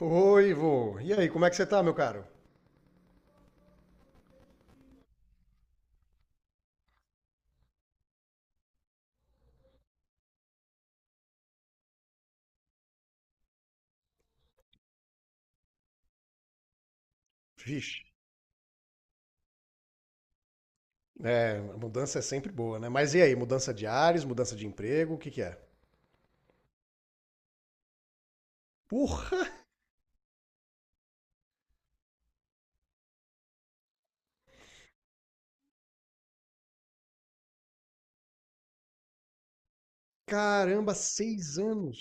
Oi, Ivo. E aí, como é que você tá, meu caro? Vixe. É, a mudança é sempre boa, né? Mas e aí, mudança de ares, mudança de emprego, o que que é? Porra! Caramba, 6 anos!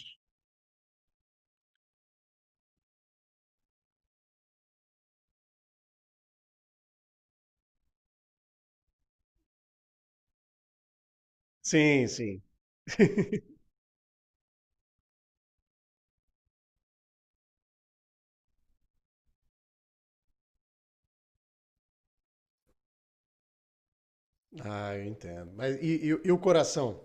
Sim, sim. Ah, eu entendo. Mas e o coração?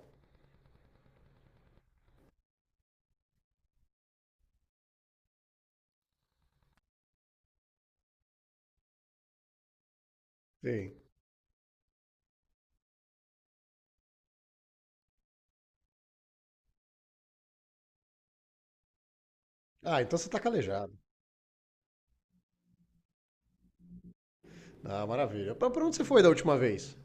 Sim. Ah, então você tá calejado. Ah, maravilha. Pra onde você foi da última vez?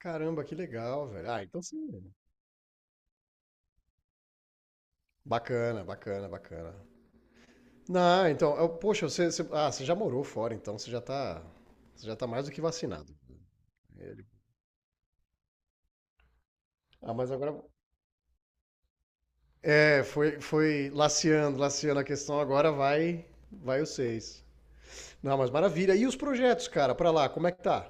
Caramba, que legal, velho. Ah, então sim. Bacana, bacana, bacana. Não, então, eu- poxa, você, você- ah, você já morou fora, então você já tá mais do que vacinado. É, Ah, mas agora. É, foi, foi, laceando, laceando a questão, agora vai, vai o 6. Não, mas maravilha. E os projetos, cara, pra lá, como é que tá?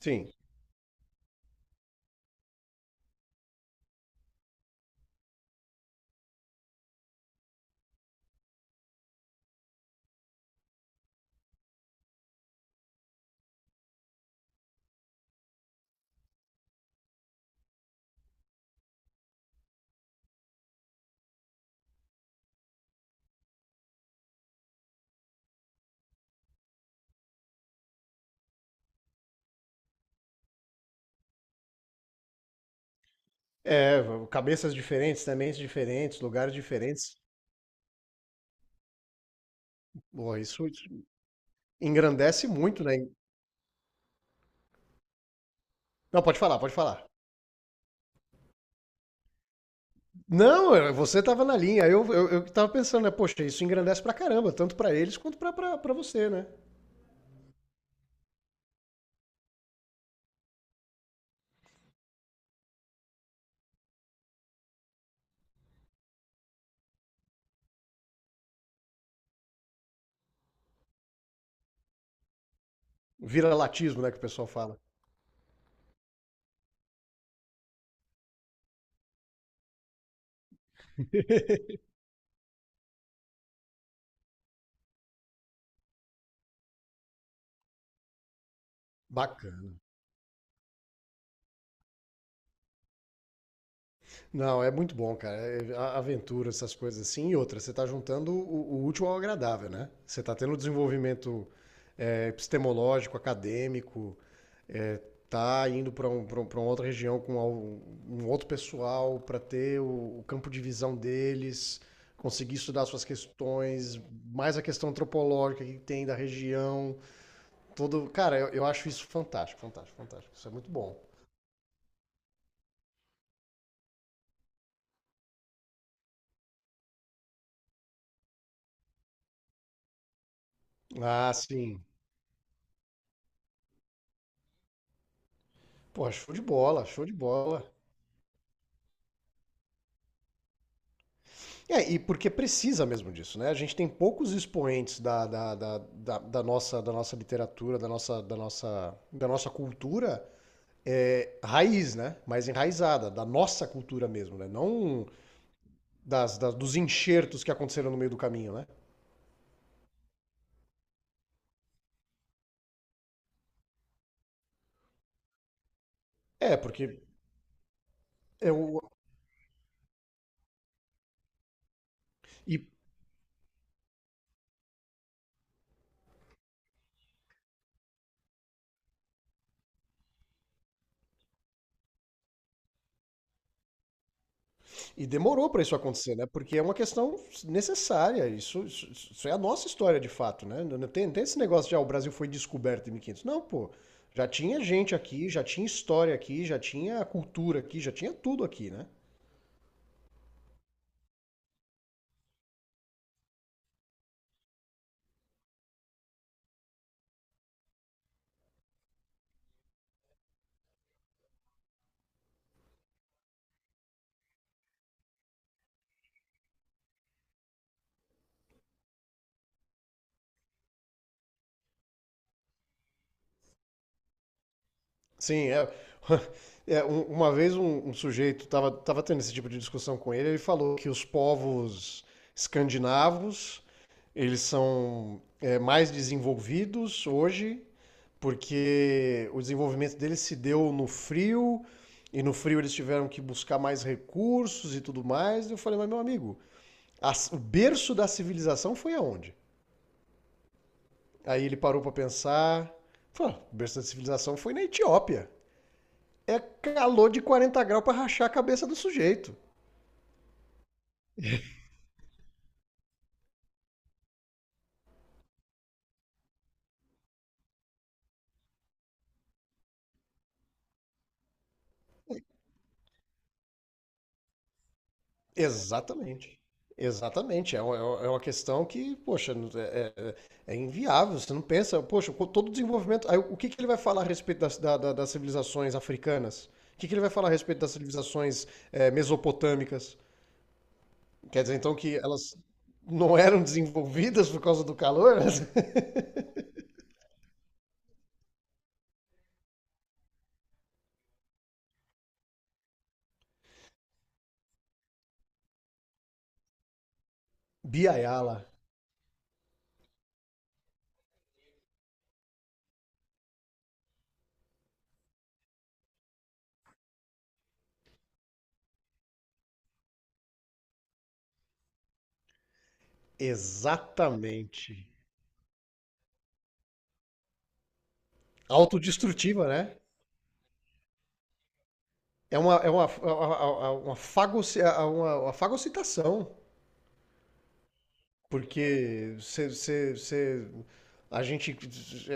Sim. É, cabeças diferentes, sementes diferentes, lugares diferentes. Pô, isso engrandece muito, né? Não, pode falar, pode falar. Não, eu- Você tava na linha. Eu tava pensando, né? Poxa, isso engrandece pra caramba, tanto pra eles quanto pra você, né? Vira latismo, né, que o pessoal fala. Bacana. Não, é muito bom, cara. Aventura, essas coisas assim. E outra, você está juntando o útil ao agradável, né? Você está tendo um desenvolvimento, epistemológico, acadêmico, é, tá indo para um- pra uma outra região um outro pessoal para ter o campo de visão deles, conseguir estudar suas questões, mais a questão antropológica que tem da região. Todo, cara, eu acho isso fantástico, fantástico, fantástico. Isso é muito bom. Ah, sim. Pô, show de bola, show de bola. É, e porque precisa mesmo disso, né? A gente tem poucos expoentes da nossa literatura, da nossa cultura, raiz, né? Mais enraizada, da nossa cultura mesmo, né? Não dos enxertos que aconteceram no meio do caminho, né? É, porque é o. E, E demorou para isso acontecer, né? Porque é uma questão necessária. Isso é a nossa história de fato, né? Não tem, não tem esse negócio de ah, o Brasil foi descoberto em 1500. Não, pô. Já tinha gente aqui, já tinha história aqui, já tinha cultura aqui, já tinha tudo aqui, né? Sim, é. Uma vez um sujeito tava, tava tendo esse tipo de discussão com ele, ele falou que os povos escandinavos, eles são, mais desenvolvidos hoje, porque o desenvolvimento deles se deu no frio, e no frio eles tiveram que buscar mais recursos e tudo mais. E eu falei, mas meu amigo, o berço da civilização foi aonde? Aí ele parou pra pensar, falou, "Ah, o berço da civilização foi na Etiópia, é calor de 40 graus para rachar a cabeça do sujeito. Exatamente. Exatamente. É uma questão que, poxa, é, é inviável. Você não pensa, poxa, com todo o desenvolvimento. Aí, o que, que ele vai falar a respeito das civilizações africanas? O que, que ele vai falar a respeito das civilizações, mesopotâmicas? Quer dizer, então, que elas não eram desenvolvidas por causa do calor? Biayala. Exatamente. Autodestrutiva, né? É uma, é uma, é uma, é uma, fagoci- é uma fagocitação, porque a gente, é,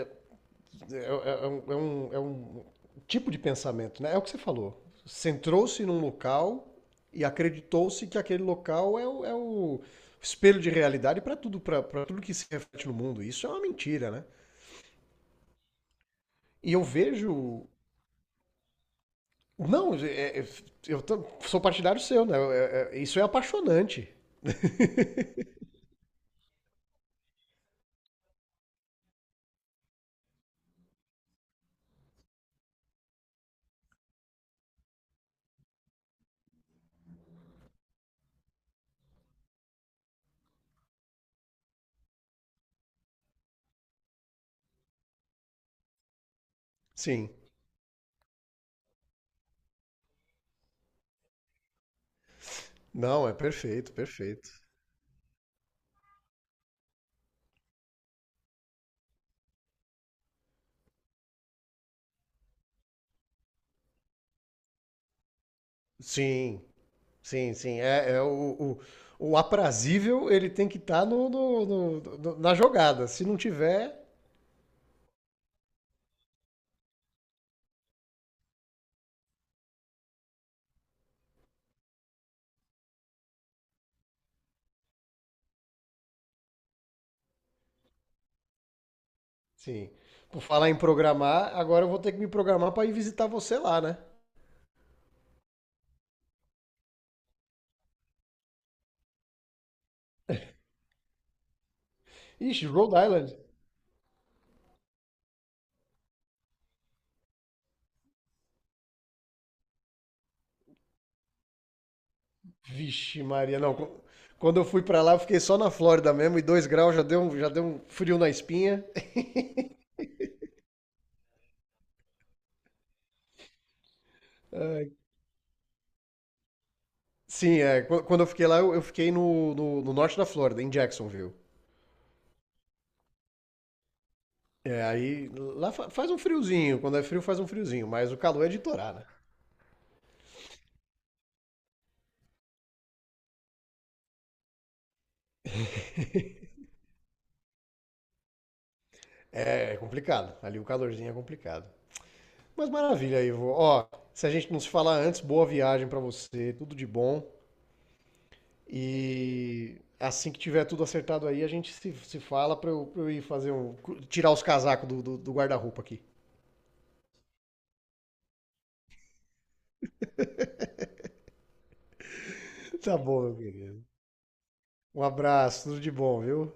é- é é um tipo de pensamento, né? É o que você falou. Centrou-se num local e acreditou-se que aquele local é o o espelho de realidade para tudo que se reflete no mundo. Isso é uma mentira, né? E eu vejo. Não, eu sou partidário seu, né? Isso é apaixonante. Sim. Não, é perfeito, perfeito. Sim, sim, sim. É, é o aprazível, ele tem que estar na jogada. Se não tiver, sim. Por falar em programar, agora eu vou ter que me programar para ir visitar você lá, né? Ixi, Rhode Island. Vixe, Maria, não. Quando eu fui para lá, eu fiquei só na Flórida mesmo e 2 graus já deu, já deu um frio na espinha. Sim, é. Quando eu fiquei lá, eu fiquei no norte da Flórida, em Jacksonville. É, aí lá faz um friozinho, quando é frio faz um friozinho, mas o calor é de torar, né? É, é complicado, ali o calorzinho é complicado. Mas maravilha, Ivo. Ó, se a gente não se falar antes, boa viagem pra você, tudo de bom. E assim que tiver tudo acertado aí, a gente se fala pra eu ir fazer um. Tirar os casacos do, do guarda-roupa aqui. Tá bom, meu querido. Um abraço, tudo de bom, viu?